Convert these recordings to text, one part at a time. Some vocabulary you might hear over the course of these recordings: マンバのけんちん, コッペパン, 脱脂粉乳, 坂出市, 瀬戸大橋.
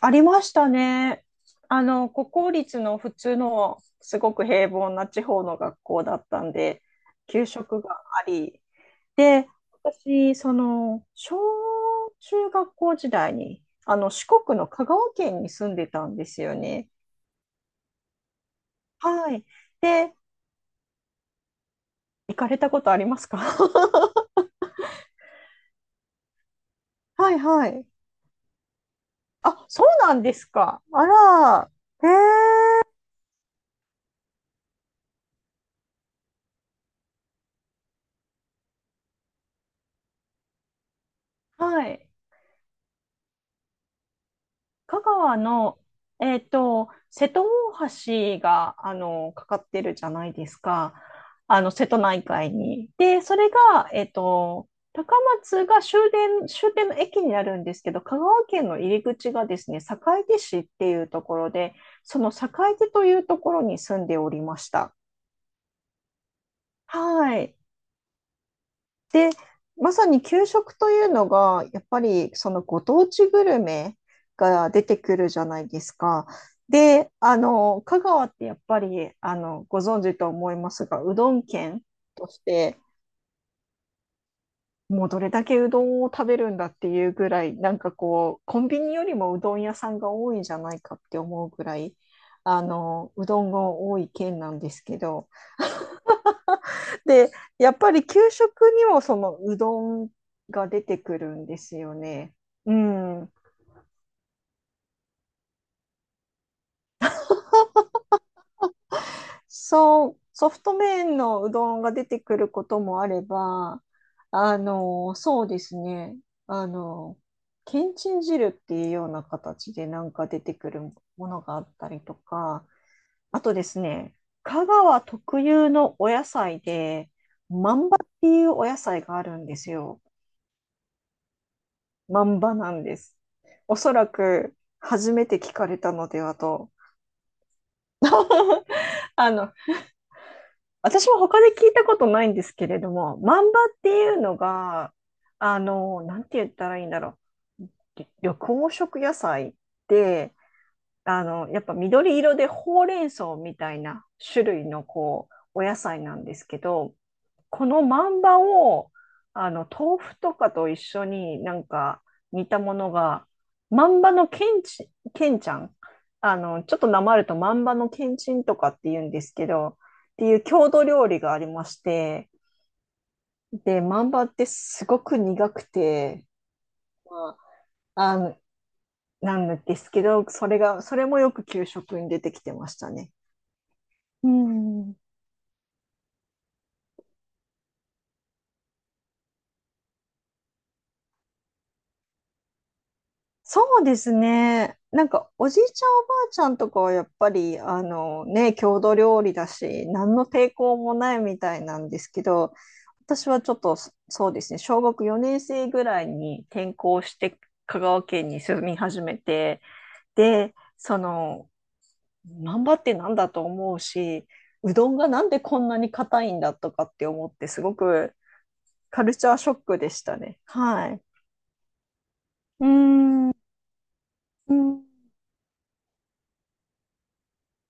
ありましたね。国公立の普通のすごく平凡な地方の学校だったんで、給食があり。で、私、その、小中学校時代に、四国の香川県に住んでたんですよね。はい。で、行かれたことありますか？ はいはい。あ、そうなんですか。あら、はい。香川の、瀬戸大橋が、かかってるじゃないですか。あの、瀬戸内海に。で、それが、高松が終電、終点の駅になるんですけど、香川県の入り口がですね、坂出市っていうところで、その坂出というところに住んでおりました。はい。まさに給食というのが、やっぱりそのご当地グルメが出てくるじゃないですか。で、香川ってやっぱり、ご存知と思いますが、うどん県として、もうどれだけうどんを食べるんだっていうぐらい、なんかこう、コンビニよりもうどん屋さんが多いんじゃないかって思うぐらい、うどんが多い県なんですけど、で、やっぱり給食にもそのうどんが出てくるんですよね。うん。そう、ソフト麺のうどんが出てくることもあれば、あの、そうですね。あの、けんちん汁っていうような形でなんか出てくるものがあったりとか、あとですね、香川特有のお野菜で、まんばっていうお野菜があるんですよ。まんばなんです。おそらく初めて聞かれたのではと。あの、私も他で聞いたことないんですけれども、マンバっていうのが、なんて言ったらいいんだろう。緑黄色野菜で、やっぱ緑色でほうれん草みたいな種類のこう、お野菜なんですけど、このマンバを、豆腐とかと一緒になんか煮たものが、マンバのけんち、けんちゃん。あの、ちょっとなまるとマンバのけんちんとかって言うんですけど、っていう郷土料理がありまして、で、マンバってすごく苦くて、まあ、あの、なんですけど、それが、それもよく給食に出てきてましたね。うん。そうですね。なんか、おじいちゃん、おばあちゃんとかはやっぱり、あのね、郷土料理だし、何の抵抗もないみたいなんですけど、私はちょっと、そうですね、小学4年生ぐらいに転校して、香川県に住み始めて、で、その、難波ってなんだと思うし、うどんがなんでこんなに硬いんだとかって思って、すごくカルチャーショックでしたね。はい。うーん。うん、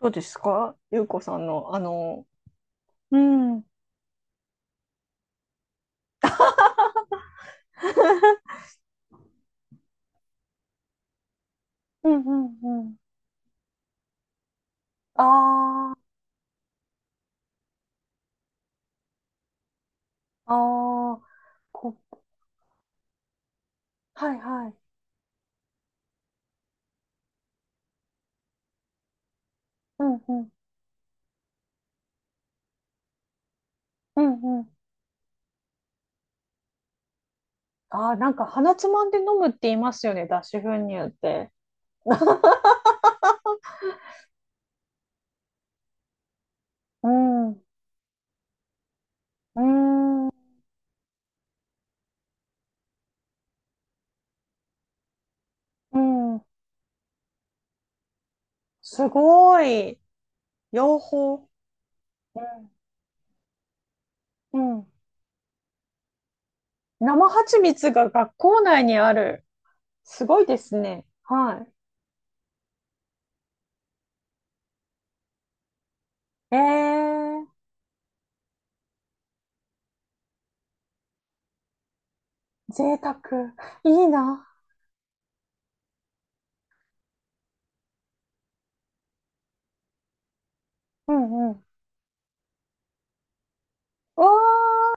どうですかゆうこさんの、あの、うん、うん、うん、うん。ああ、ああ、こ、はい、はい。うん、うん、うん、うん。ああ、なんか鼻つまんで飲むって言いますよね、脱脂粉乳って。うん、うん、うん。すごい。養蜂。うん、うん。生蜂蜜が学校内にある。すごいですね。はい。ええー、贅沢。いいな。うん、うん。わ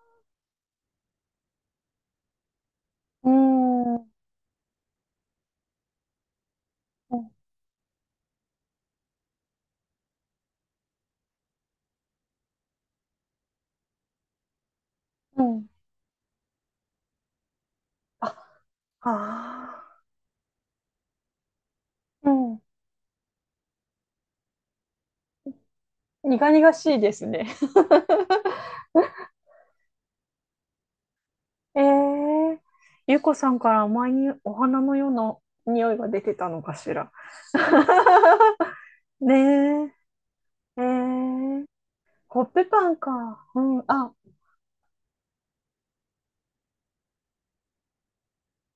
うーん、うん、うん。あ、ああ、うん。苦々しいですね。ええ、ゆうこさんから前にお花のような匂いが出てたのかしら。ねえ、ええ、コッペパンか。うん、あ、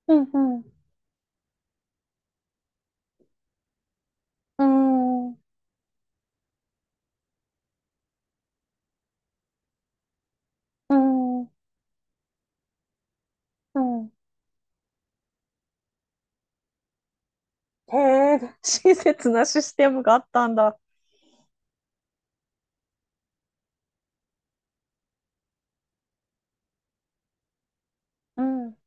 うん、うん、うん、うん、うん。へえ、親切なシステムがあったんだ。うん、う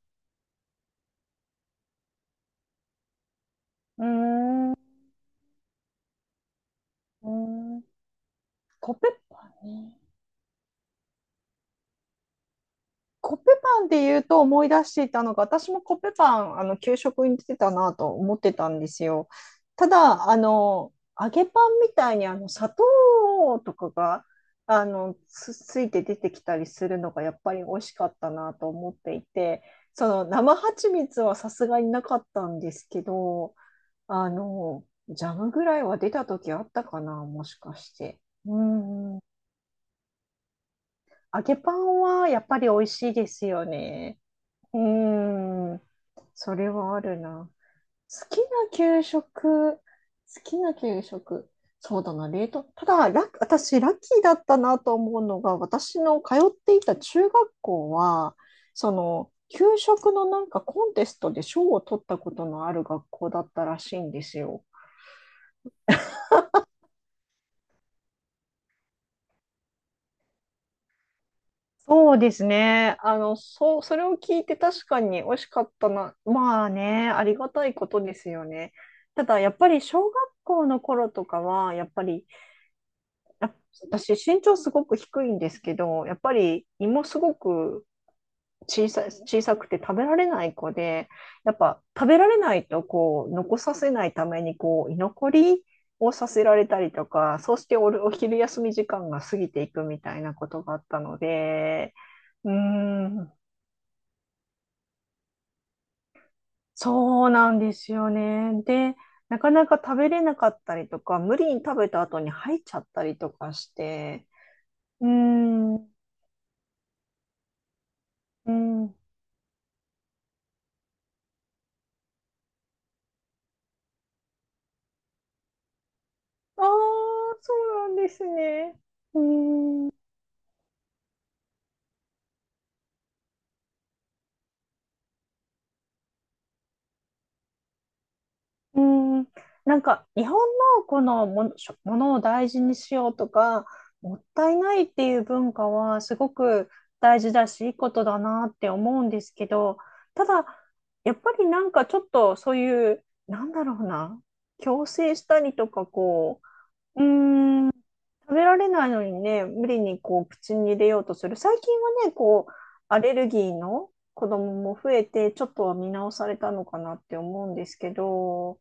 ーん、うーん。コッペパンね。コッペパンで言うと思い出していたのが、私もコッペパン、給食に出てたなと思ってたんですよ。ただ、揚げパンみたいに、あの、砂糖とかが、ついて出てきたりするのが、やっぱり美味しかったなと思っていて、その、生蜂蜜はさすがになかったんですけど、あの、ジャムぐらいは出た時あったかな、もしかして。うん。揚げパンはやっぱり美味しいですよね。うーん、それはあるな。好きな給食、そうだな、冷凍。ただ、私、ラッキーだったなと思うのが、私の通っていた中学校は、その、給食のなんかコンテストで賞を取ったことのある学校だったらしいんですよ。そうですね。あの、そう、それを聞いて確かに美味しかったな。まあね、ありがたいことですよね。ただ、やっぱり小学校の頃とかは、やっぱり、やっ私身長すごく低いんですけど、やっぱり胃もすごく小さくて食べられない子で、やっぱ食べられないとこう残させないためにこう居残りをさせられたりとか、そうしておる、お昼休み時間が過ぎていくみたいなことがあったので、うーん、そうなんですよね。で、なかなか食べれなかったりとか、無理に食べた後に吐いちゃったりとかして、うーん、うん、ああ、そうなんですね。うーん、うーん、なんか日本のこのもの、しょものを大事にしようとか、もったいないっていう文化はすごく大事だし、いいことだなって思うんですけど、ただ、やっぱりなんかちょっとそういう、なんだろうな、強制したりとか、うーん、食べられないのにね、無理にこう口に入れようとする。最近はね、こう、アレルギーの子供も増えて、ちょっとは見直されたのかなって思うんですけど、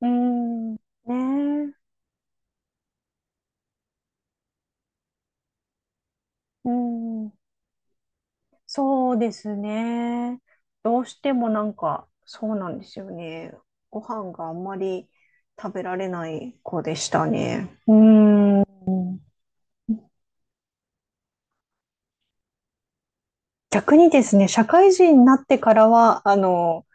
うん、ねえ、うん、そうですね。どうしてもなんか、そうなんですよね。ご飯があんまり食べられない子でしたね。うん、逆にですね、社会人になってからは、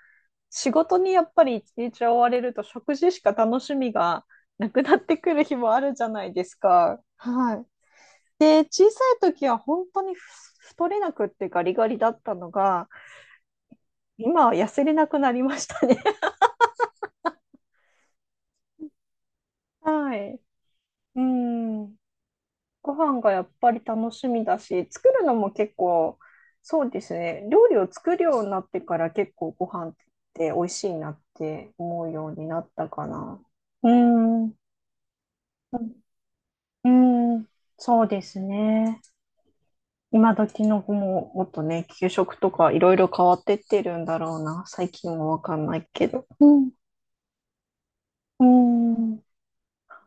仕事にやっぱり一日追われると食事しか楽しみがなくなってくる日もあるじゃないですか。はい。で、小さい時は本当に太れなくってガリガリだったのが、今は痩せれなくなりましたね。はい。うん。ご飯がやっぱり楽しみだし、作るのも結構、そうですね。料理を作るようになってから結構ご飯って美味しいなって思うようになったかな。うん。うん。うん、そうですね。今時の子ももっとね、給食とかいろいろ変わってってるんだろうな。最近はわかんないけど。うん。うん。